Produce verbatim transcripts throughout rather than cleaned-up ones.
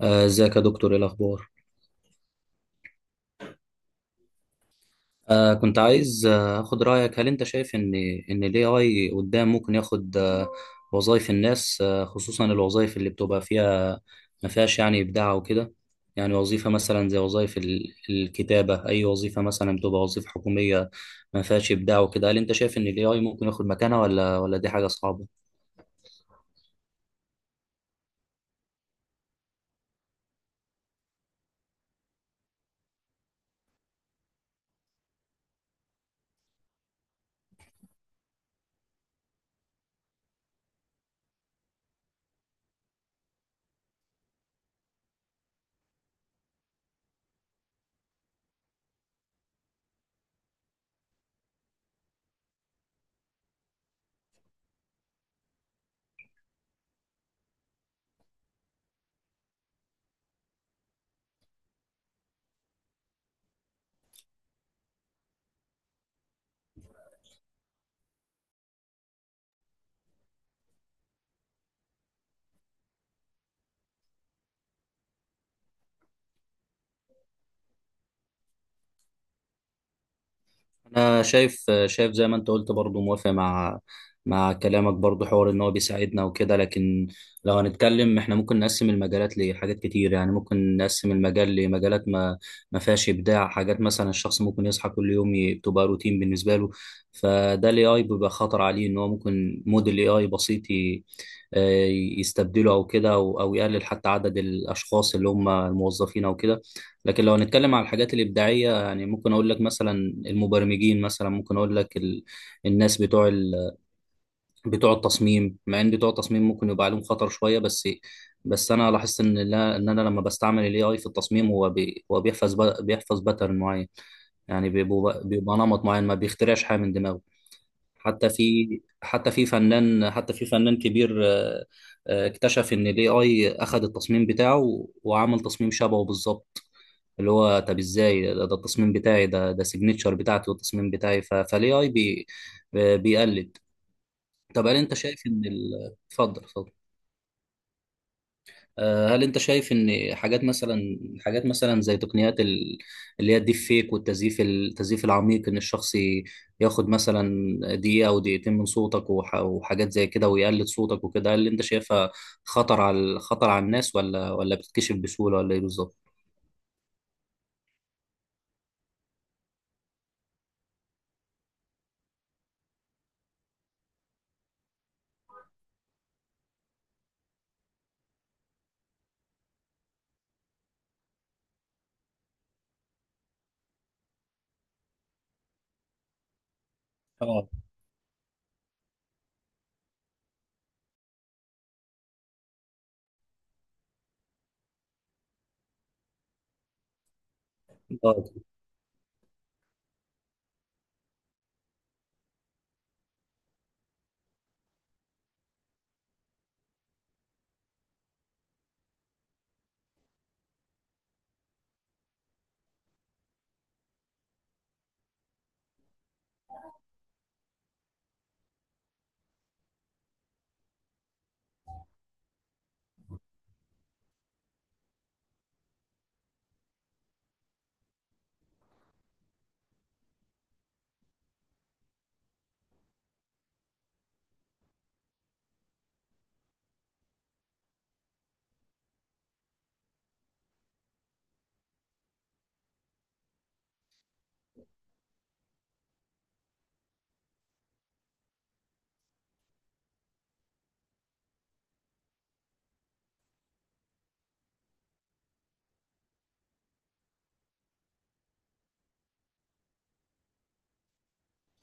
آه، ازيك يا دكتور، ايه الاخبار؟ آه كنت عايز آه، اخد رايك. هل انت شايف ان ان الاي اي قدام ممكن ياخد آه وظايف الناس، آه خصوصا الوظايف اللي بتبقى فيها ما فيهاش يعني ابداع وكده؟ يعني وظيفه مثلا زي وظايف ال- الكتابه، اي وظيفه مثلا بتبقى وظيفه حكوميه ما فيهاش ابداع وكده. هل انت شايف ان الاي اي ممكن ياخد مكانها، ولا ولا دي حاجه صعبه؟ انا شايف، شايف زي ما انت قلت برضو، موافق مع مع كلامك برضو، حوار ان هو بيساعدنا وكده. لكن لو هنتكلم احنا، ممكن نقسم المجالات لحاجات كتير. يعني ممكن نقسم المجال لمجالات ما ما فيهاش ابداع. حاجات مثلا الشخص ممكن يصحى كل يوم ي- بتبقى روتين بالنسبه له، فده الاي اي بيبقى خطر عليه، ان هو ممكن موديل اي اي بسيط ي- آه، يستبدله او كده، او أو يقلل حتى عدد الاشخاص اللي هم الموظفين او كده. لكن لو هنتكلم على الحاجات الإبداعية، يعني ممكن أقول لك مثلا المبرمجين. مثلا ممكن أقول لك ال... الناس بتوع ال... بتوع التصميم. مع إن بتوع التصميم ممكن يبقى عليهم خطر شوية، بس بس أنا لاحظت إن لا... إن أنا لما بستعمل ال اي اي في التصميم، هو بي... هو بيحفظ، ب... بيحفظ باترن معين. يعني بيبقى بيبقى نمط معين، ما بيخترعش حاجة من دماغه. حتى في حتى في فنان حتى في فنان كبير، آه، آه، اكتشف ان الاي اي اخذ التصميم بتاعه وعمل تصميم شبهه بالظبط. اللي هو، طب ازاي؟ ده, ده التصميم بتاعي، ده ده سيجنتشر بتاعتي والتصميم بتاعي. فالاي اي بي آه، بيقلد. طب هل انت شايف ان ال- اتفضل اتفضل. آه، هل انت شايف ان حاجات مثلا، حاجات مثلا زي تقنيات ال- اللي هي الديب فيك والتزييف، التزييف العميق، ان الشخص ي- ياخد مثلا دقيقة او دقيقتين من صوتك وح- وحاجات زي كده، ويقلد صوتك وكده. هل انت شايفها خطر على، خطر على الناس، ولا ولا بتتكشف بسهولة، ولا ايه بالظبط؟ اه، اه.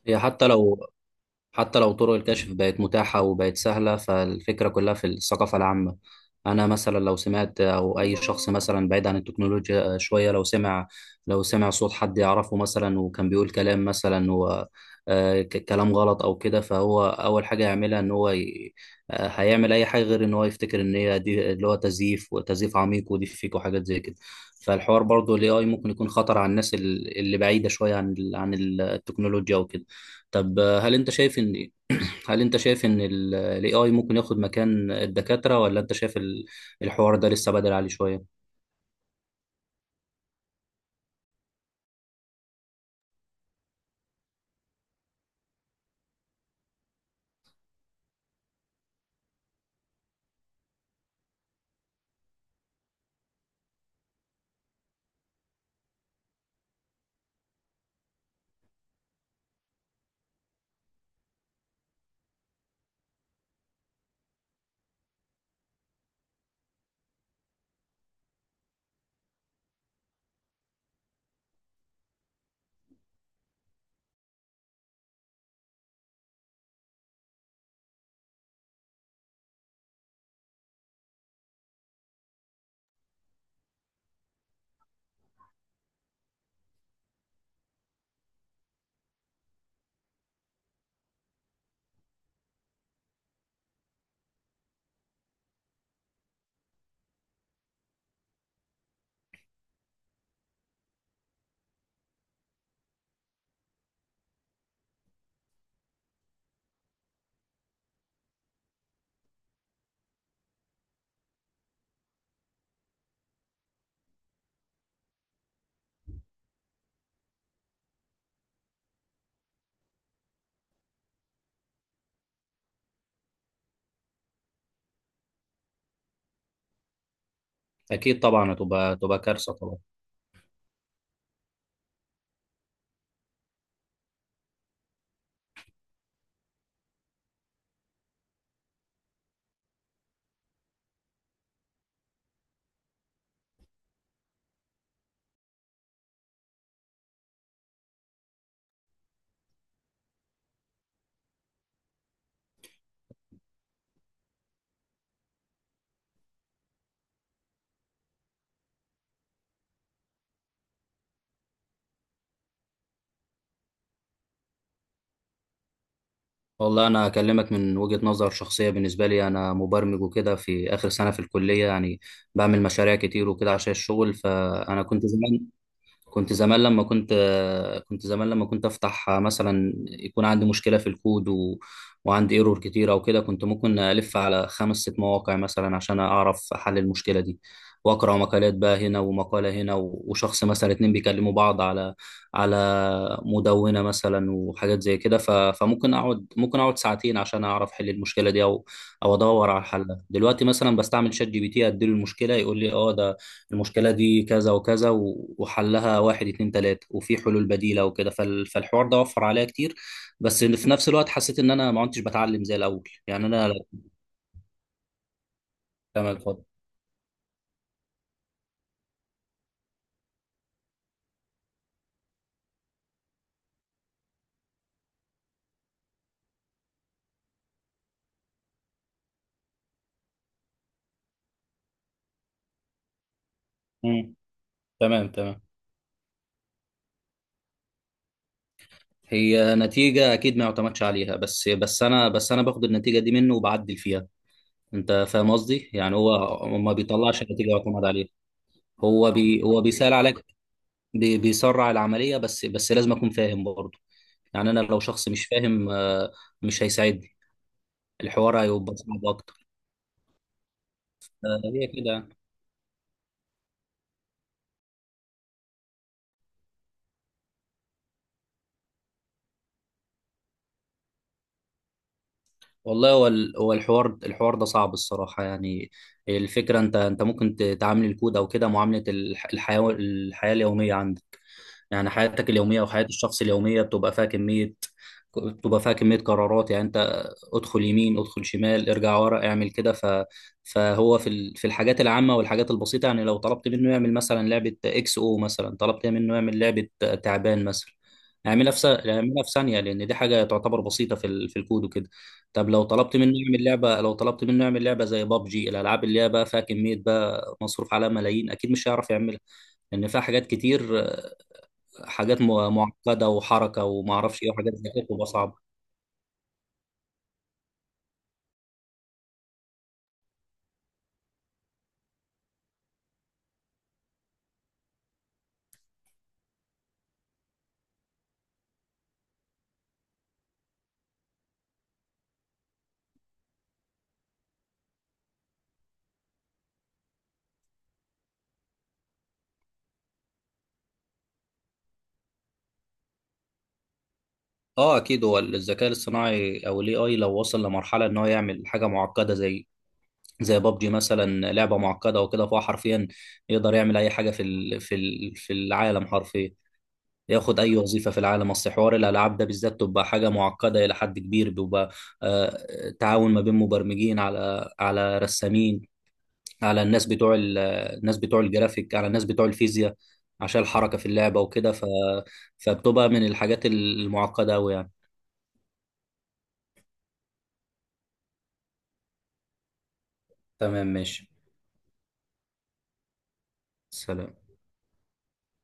هي حتى لو حتى لو طرق الكشف بقت متاحة وبقت سهلة، فالفكرة كلها في الثقافة العامة. أنا مثلا لو سمعت، أو أي شخص مثلا بعيد عن التكنولوجيا آه، شوية، لو سمع، لو سمع صوت حد يعرفه مثلا وكان بيقول كلام مثلا و آه، ك- كلام غلط أو كده، فهو أول حاجة يعملها إن هو ي... آه، هيعمل أي حاجة غير إن هو يفتكر إن هي دي اللي هو تزييف، وتزييف عميق، ودي فيك، وحاجات زي كده. فالحوار برضه ال اي اي ممكن يكون خطر على الناس ال- اللي بعيدة شوية عن ال- عن التكنولوجيا وكده. طب هل انت شايف ان، هل انت شايف ان الاي اي ممكن ياخد مكان الدكاترة، ولا انت شايف ال- الحوار ده لسه بدري عليه شوية؟ اكيد طبعا، هتبقى تبقى كارثة طبعا. والله انا اكلمك من وجهة نظر شخصية. بالنسبة لي انا مبرمج وكده، في اخر سنة في الكلية يعني بعمل مشاريع كتير وكده عشان الشغل. فانا كنت زمان كنت زمان لما كنت كنت زمان لما كنت افتح مثلا، يكون عندي مشكله في الكود و... وعندي ايرور كتير او كده، كنت ممكن الف على خمس ست مواقع مثلا عشان اعرف حل المشكله دي، واقرا مقالات، بقى هنا ومقاله هنا، و... وشخص مثلا اتنين بيكلموا بعض على، على مدونه مثلا وحاجات زي كده. ف... فممكن اقعد، ممكن اقعد ساعتين عشان اعرف حل المشكله دي، او او ادور على حلها. دلوقتي مثلا بستعمل شات جي بي تي، اديله المشكله يقول لي، اه ده المشكلة دي كذا وكذا و- وحلها واحد اتنين تلاتة، وفي حلول بديلة وكده. فال- فالحوار ده وفر عليا كتير، بس في نفس الوقت حسيت ان انا ما كنتش بتعلم زي الاول، يعني انا. تمام، اتفضل. مم. تمام، تمام. هي نتيجة اكيد ما يعتمدش عليها، بس بس انا بس انا باخد النتيجة دي منه وبعدل فيها. انت فاهم قصدي؟ يعني هو ما بيطلعش نتيجة يعتمد عليها. هو بي هو بيسهل عليك، بي بيسرع العملية، بس بس لازم اكون فاهم برضه. يعني انا لو شخص مش فاهم، آه، مش هيساعدني، الحوار هيبقى صعب اكتر. آه، هي كده. والله هو ال- هو الحوار الحوار ده صعب الصراحه، يعني الفكره، انت انت ممكن ت- تعامل الكود او كده معامله الح- الحياه الحياه اليوميه عندك. يعني حياتك اليومية أو حياة الشخص اليومية بتبقى فيها كمية، بتبقى فيها كمية قرارات. يعني أنت ادخل يمين، ادخل شمال، ارجع ورا، اعمل كده. ف... فهو في ال... في الحاجات العامة والحاجات البسيطة، يعني لو طلبت منه يعمل مثلا لعبة اكس او، مثلا طلبت منه يعمل لعبة تعبان مثلا، اعملها في س... اعملها في ثانية، لأن دي حاجة تعتبر بسيطة في ال... في الكود وكده. طب لو طلبت منه يعمل لعبة، لو طلبت منه يعمل لعبة زي بابجي، الألعاب اللي هي بقى فيها كمية، بقى مصروف عليها ملايين، أكيد مش هيعرف يعملها. لأن فيها حاجات كتير، حاجات م- معقده وحركه وما اعرفش ايه وحاجات زي كده، بتبقى صعبه. اه، اكيد هو الذكاء الاصطناعي او الاي اي لو وصل لمرحله ان هو يعمل حاجه معقده زي، زي بابجي مثلا، لعبه معقده وكده، فهو حرفيا يقدر يعمل اي حاجه في ال- في ال- في العالم حرفيا، ياخد اي وظيفه في العالم. اصل حوار الالعاب ده بالذات تبقى حاجه معقده الى حد كبير، بيبقى آه، تعاون ما بين مبرمجين، على على رسامين، على الناس بتوع ال- الناس بتوع الجرافيك، على الناس بتوع الفيزياء، عشان الحركة في اللعبة وكده. ف... فبتبقى من الحاجات المعقدة أوي يعني. تمام، ماشي. سلام.